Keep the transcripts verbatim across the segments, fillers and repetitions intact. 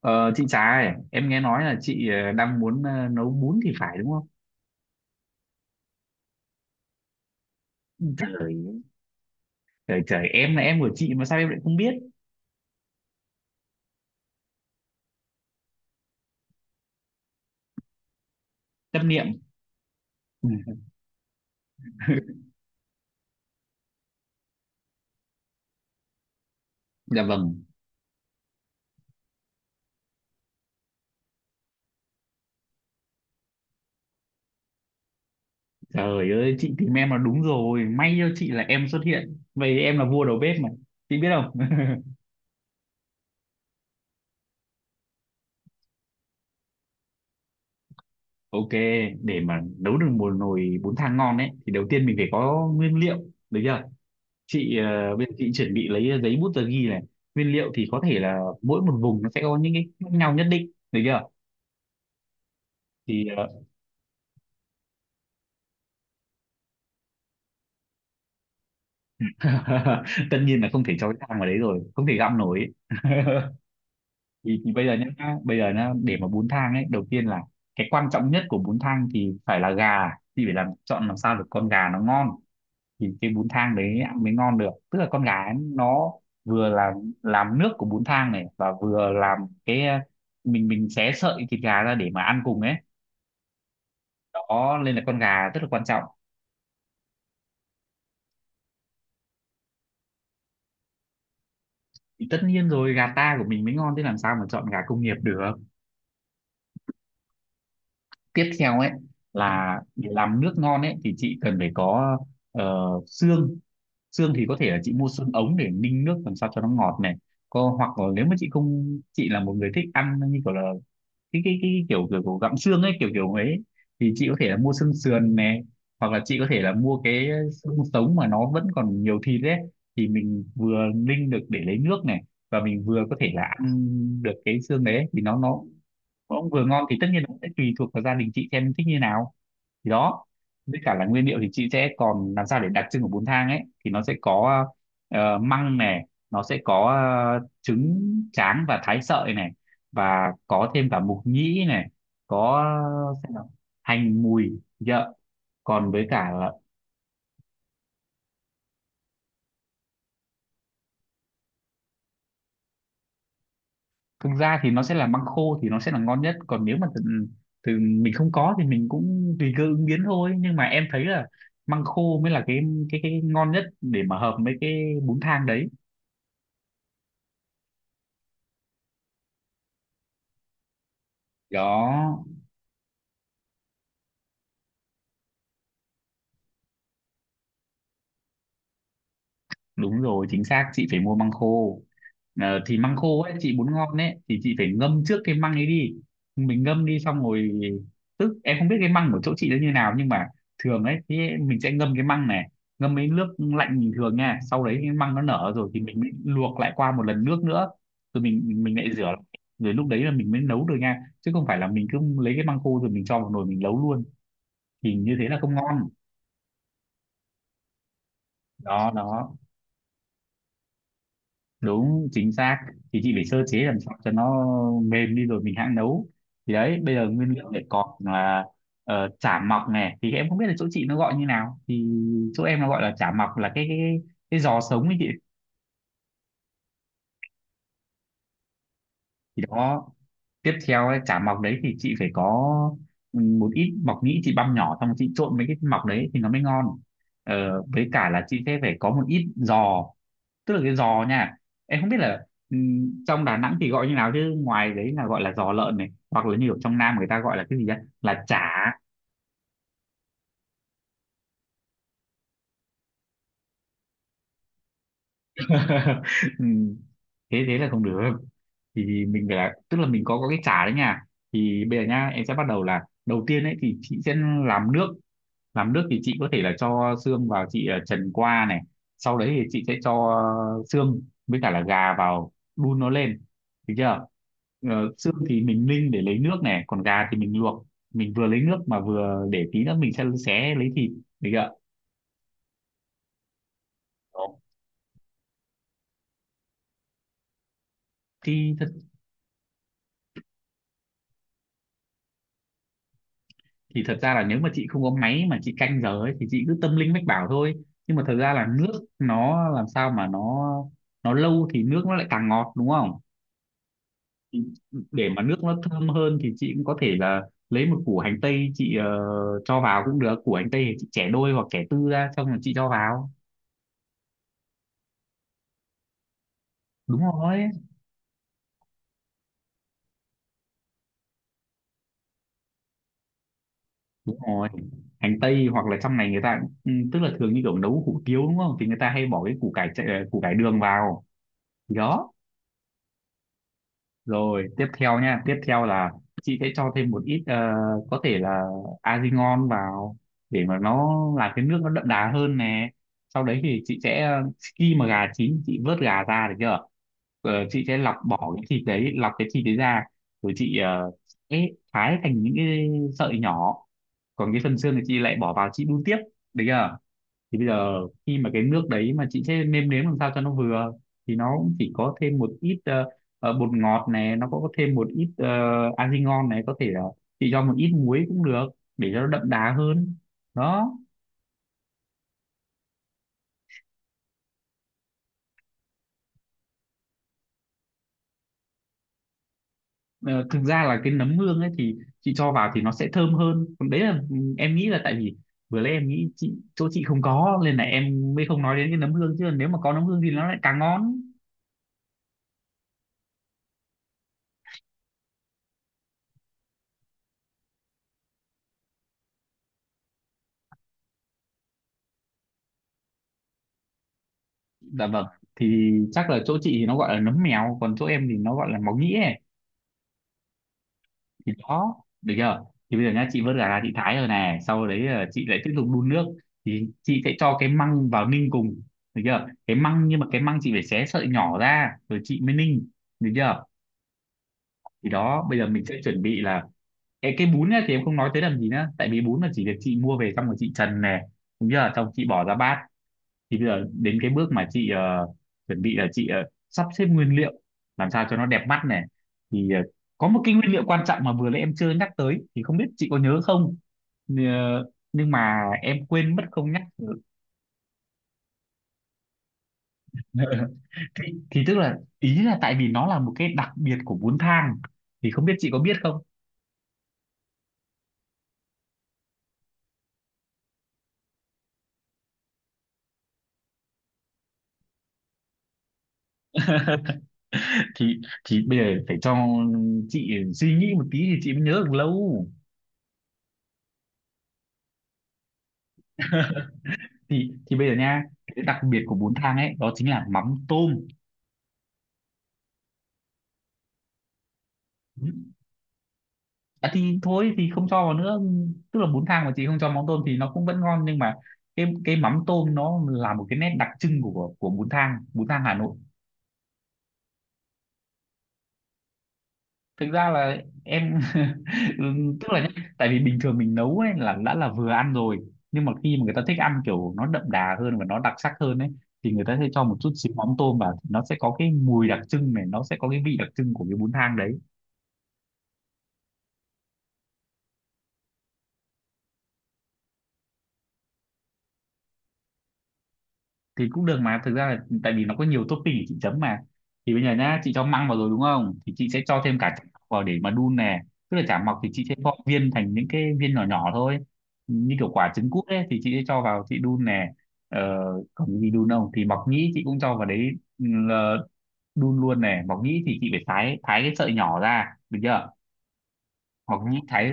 Ờ, chị Trà ơi, em nghe nói là chị ờ, đang muốn ờ, nấu bún thì phải đúng không? Trời, trời, trời, em là em của chị mà sao em lại không biết? Tâm niệm. Ừ. Dạ vâng, trời ơi, chị tìm em là đúng rồi, may cho chị là em xuất hiện. Vậy em là vua đầu bếp mà, chị biết không? Ok, để mà nấu được một nồi bún thang ngon ấy, thì đầu tiên mình phải có nguyên liệu, được chưa? Chị, ờ, bây giờ chị chuẩn bị lấy giấy bút tờ ghi này. Nguyên liệu thì có thể là mỗi một vùng nó sẽ có những cái khác nhau nhất định, được chưa? thì ờ, Tất nhiên là không thể cho cái thang vào đấy rồi, không thể găm nổi ấy. thì, thì bây giờ nhá, bây giờ nhá, để mà bún thang ấy đầu tiên là cái quan trọng nhất của bún thang thì phải là gà. Thì phải làm chọn làm sao được con gà nó ngon thì cái bún thang đấy ăn mới ngon được, tức là con gà ấy, nó vừa là làm nước của bún thang này, và vừa làm cái ờ, mình mình xé sợi thịt gà ra để mà ăn cùng ấy, đó nên là con gà rất là quan trọng. Thì tất nhiên rồi, gà ta của mình mới ngon, thế làm sao mà chọn gà công nghiệp được. Tiếp theo ấy. Ừ, là để làm nước ngon ấy thì chị cần phải có ờ, xương. Xương thì có thể là chị mua xương ống để ninh nước làm sao cho nó ngọt này, có hoặc là nếu mà chị không, chị là một người thích ăn như kiểu là cái cái cái kiểu kiểu, kiểu gặm xương ấy, kiểu kiểu ấy thì chị có thể là mua xương sườn này, hoặc là chị có thể là mua cái xương sống mà nó vẫn còn nhiều thịt ấy, thì mình vừa ninh được để lấy nước này, và mình vừa có thể là ăn được cái xương đấy thì nó nó cũng vừa ngon. Thì tất nhiên nó sẽ tùy thuộc vào gia đình chị xem thích như nào, thì đó. Với cả là nguyên liệu thì chị sẽ còn làm sao để đặc trưng của bún thang ấy, thì nó sẽ có ờ, măng này, nó sẽ có ờ, trứng tráng và thái sợi này, và có thêm cả mục nhĩ này, có xem nào, hành mùi dạ. Còn với cả là thực ra thì nó sẽ là măng khô thì nó sẽ là ngon nhất, còn nếu mà từ, từ mình không có thì mình cũng tùy cơ ứng biến thôi, nhưng mà em thấy là măng khô mới là cái cái cái ngon nhất để mà hợp với cái bún thang đấy, đó. Đúng rồi, chính xác, chị phải mua măng khô. Ờ, thì măng khô ấy chị muốn ngon ấy thì chị phải ngâm trước cái măng ấy đi, mình ngâm đi xong rồi, tức em không biết cái măng của chỗ chị nó như nào, nhưng mà thường ấy thì mình sẽ ngâm cái măng này, ngâm với nước lạnh bình thường nha, sau đấy cái măng nó nở rồi thì mình mới luộc lại qua một lần nước nữa, rồi mình mình lại rửa, rồi lúc đấy là mình mới nấu được nha, chứ không phải là mình cứ lấy cái măng khô rồi mình cho vào nồi mình nấu luôn, thì như thế là không ngon. Đó đó, đúng chính xác, thì chị phải sơ chế làm sao cho nó mềm đi rồi mình hãng nấu. Thì đấy, bây giờ nguyên liệu để còn là ờ, chả mọc này, thì em không biết là chỗ chị nó gọi như nào, thì chỗ em nó gọi là chả mọc là cái cái cái giò sống ấy chị. Thì đó, tiếp theo ấy, chả mọc đấy thì chị phải có ừ, một ít mọc nhĩ chị băm nhỏ, xong chị trộn mấy cái mọc đấy thì nó mới ngon. Ờ, với cả là chị sẽ phải có một ít giò, tức là cái giò nha, em không biết là ừm, trong Đà Nẵng thì gọi như nào, chứ ngoài đấy là gọi là giò lợn này, hoặc là như ở trong Nam người ta gọi là cái gì đó là chả. Ừm, Thế thế là không được, thì mình phải là, tức là mình có có cái chả đấy nha. Thì bây giờ nha, em sẽ bắt đầu là đầu tiên ấy thì chị sẽ làm nước. Làm nước thì chị có thể là cho xương vào chị ờ, trần qua này, sau đấy thì chị sẽ cho ờ, xương với cả là gà vào đun nó lên, được chưa. Ờ, xương thì mình ninh để lấy nước này, còn gà thì mình luộc, mình vừa lấy nước mà vừa để tí nữa mình sẽ xé lấy thịt, được chưa. Ồ, thì thật thì thật ra là nếu mà chị không có máy mà chị canh giờ ấy thì chị cứ tâm linh mách bảo thôi, nhưng mà thật ra là nước nó làm sao mà nó nó lâu thì nước nó lại càng ngọt đúng không. Thì để mà nước nó thơm hơn thì chị cũng có thể là lấy một củ hành tây, chị ờ, cho vào cũng được, củ hành tây thì chị chẻ đôi hoặc chẻ tư ra xong rồi chị cho vào. Đúng rồi, đúng rồi, hành tây hoặc là trong này người ta cũng- ừ, tức là thường như kiểu nấu hủ tiếu đúng không, thì người ta hay bỏ cái củ cải chạy- ờ, củ cải đường vào, thì đó. Rồi tiếp theo nha, tiếp theo là chị sẽ cho thêm một ít ờ, có thể là Azingon vào để mà nó làm cái nước nó đậm đà hơn nè. Sau đấy thì chị sẽ ờ, khi mà gà chín chị vớt gà ra, được chưa? Ờ, chị sẽ lọc bỏ cái thịt đấy, lọc cái thịt đấy ra, rồi chị ờ, sẽ thái thành những cái sợi nhỏ. Còn cái phần xương thì chị lại bỏ vào chị đun tiếp, được chưa? Thì bây giờ khi mà cái nước đấy mà chị sẽ nêm nếm làm sao cho nó vừa, thì nó cũng chỉ có thêm một ít ờ, ờ, bột ngọt này, nó có thêm một ít ờ, argi ngon này, có thể là chị cho một ít muối cũng được để cho nó đậm đà hơn, đó. Ờ, thực ra là cái nấm hương ấy thì chị cho vào thì nó sẽ thơm hơn, còn đấy là ừ, em nghĩ là tại vì vừa nãy em nghĩ chị, chỗ chị không có nên là em mới không nói đến cái nấm hương, chứ nếu mà có nấm hương thì nó lại càng ngon. Dạ vâng, thì chắc là chỗ chị thì nó gọi là nấm mèo, còn chỗ em thì nó gọi là máu nhĩ ấy, thì đó, được chưa. Thì bây giờ nhá, chị vớt gà ra chị thái rồi nè, sau đấy là chị lại tiếp tục đun nước, thì chị sẽ cho cái măng vào ninh cùng, được chưa, cái măng nhưng mà cái măng chị phải xé sợi nhỏ ra rồi chị mới ninh, được chưa. Thì đó, bây giờ mình sẽ chuẩn bị là cái cái bún ấy, thì em không nói tới làm gì nữa tại vì bún là chỉ được chị mua về xong rồi chị trần nè, đúng chưa, xong chị bỏ ra bát. Thì bây giờ đến cái bước mà chị ờ, chuẩn bị là chị ờ, sắp xếp nguyên liệu làm sao cho nó đẹp mắt này. Thì ờ, có một cái nguyên liệu quan trọng mà vừa nãy em chưa nhắc tới, thì không biết chị có nhớ không. Ờ, nhưng mà em quên mất không nhắc. thì, thì tức là ý là tại vì nó là một cái đặc biệt của bún thang, thì không biết chị có biết không. thì thì bây giờ phải cho chị suy nghĩ một tí thì chị mới nhớ được lâu. thì thì bây giờ nha, cái đặc biệt của bún thang ấy đó chính là mắm tôm. À, thì thôi thì không cho vào nữa, tức là bún thang mà chị không cho mắm tôm thì nó cũng vẫn ngon, nhưng mà cái cái mắm tôm nó là một cái nét đặc trưng của của bún thang, bún thang Hà Nội. Thực ra là em ừm, tức là nhá, tại vì bình thường mình nấu ấy là đã là vừa ăn rồi, nhưng mà khi mà người ta thích ăn kiểu nó đậm đà hơn và nó đặc sắc hơn ấy, thì người ta sẽ cho một chút xíu mắm tôm vào, nó sẽ có cái mùi Đặc trưng này, nó sẽ có cái vị đặc trưng của cái bún thang đấy. Thì cũng được, mà thực ra là tại vì nó có nhiều topping để chị chấm mà. Thì bây giờ nhá, chị cho măng vào rồi đúng không, thì chị sẽ cho thêm cả chả mọc vào để mà đun nè. Tức là chả mọc thì chị sẽ gọt viên thành những cái viên nhỏ nhỏ thôi, như kiểu quả trứng cút ấy, thì chị sẽ cho vào chị đun nè. ờ, Còn cái gì đun không thì mọc nhĩ chị cũng cho vào đấy. ừ, ờ, Đun luôn nè, mọc nhĩ thì chị phải thái thái cái sợi nhỏ ra được chưa. Mọc nhĩ thái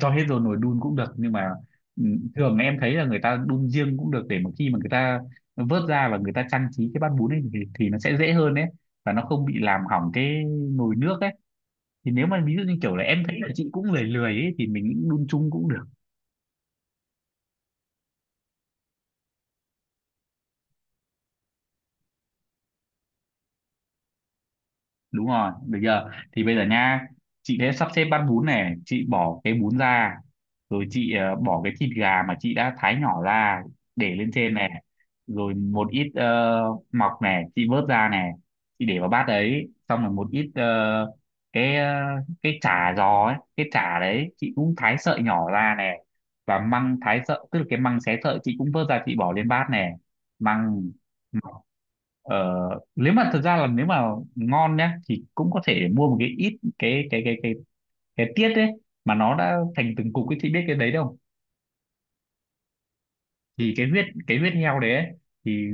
cho hết rồi nồi đun cũng được, nhưng mà ừ, thường em thấy là người ta đun riêng cũng được, để mà khi mà người ta vớt ra và người ta trang trí cái bát bún ấy thì, thì nó sẽ dễ hơn đấy, và nó không bị làm hỏng cái nồi nước ấy. Thì nếu mà ví dụ như kiểu là em thấy là chị cũng lười lười ấy thì mình đun chung cũng được. Đúng rồi, được giờ thì bây giờ nha, chị sẽ sắp xếp bát bún này, chị bỏ cái bún ra, rồi chị ờ, bỏ cái thịt gà mà chị đã thái nhỏ ra để lên trên này. Rồi một ít ờ, mọc này, chị vớt ra này, chị để vào bát đấy, xong rồi một ít ờ, cái ờ, cái chả giò ấy, cái chả đấy chị cũng thái sợi nhỏ ra này. Và măng thái sợi, tức là cái măng xé sợi, chị cũng vớt ra chị bỏ lên bát này, măng. Ờ, Nếu mà thật ra là, nếu mà ngon nhá, thì cũng có thể mua một cái ít cái cái cái cái cái tiết đấy, mà nó đã thành từng cục ấy, chị biết cái đấy đâu. Thì cái huyết, cái huyết heo đấy ấy, thì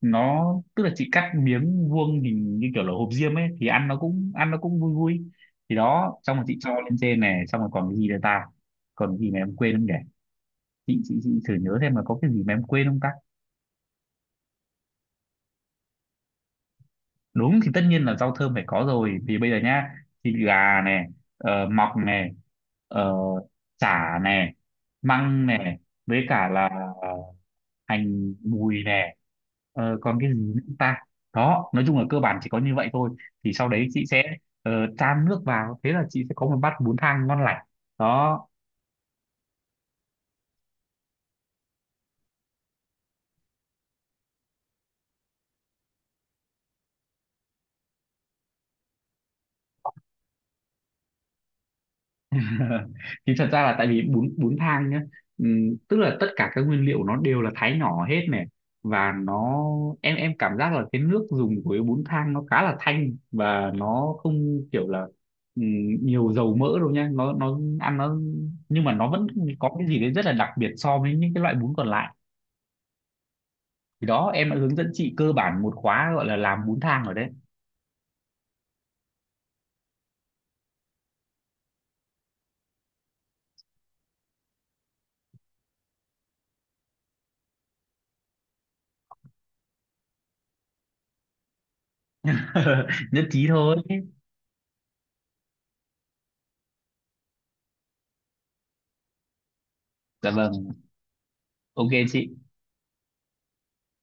nó, tức là chị cắt miếng vuông hình như kiểu là hộp diêm ấy, thì ăn nó cũng ăn nó cũng vui vui. Thì đó, xong rồi chị cho lên trên này, xong rồi còn cái gì nữa ta? Còn cái gì mà em quên không nhỉ? Chị chị chị thử nhớ xem là có cái gì mà em quên không ta? Đúng, thì tất nhiên là rau thơm phải có rồi, vì bây giờ nhá, thịt gà này, ờ, mọc này, ờ, chả này, măng này, với cả là ờ, hành mùi nè. Ờ, còn cái gì nữa ta? Đó, nói chung là cơ bản chỉ có như vậy thôi. Thì sau đấy chị sẽ ờ, chan nước vào, thế là chị sẽ có một bát bún thang ngon lành. Đó. Thì thật ra là tại vì bún bún thang nhá, ừm, tức là tất cả các nguyên liệu nó đều là thái nhỏ hết này, và nó, em em cảm giác là cái nước dùng của cái bún thang nó khá là thanh, và nó không kiểu là ừm, nhiều dầu mỡ đâu nha, nó nó ăn nó, nhưng mà nó vẫn có cái gì đấy rất là đặc biệt so với những cái loại bún còn lại. Thì đó, em đã hướng dẫn chị cơ bản một khóa gọi là làm bún thang rồi đấy. Nhất trí thôi. Dạ vâng, ok chị.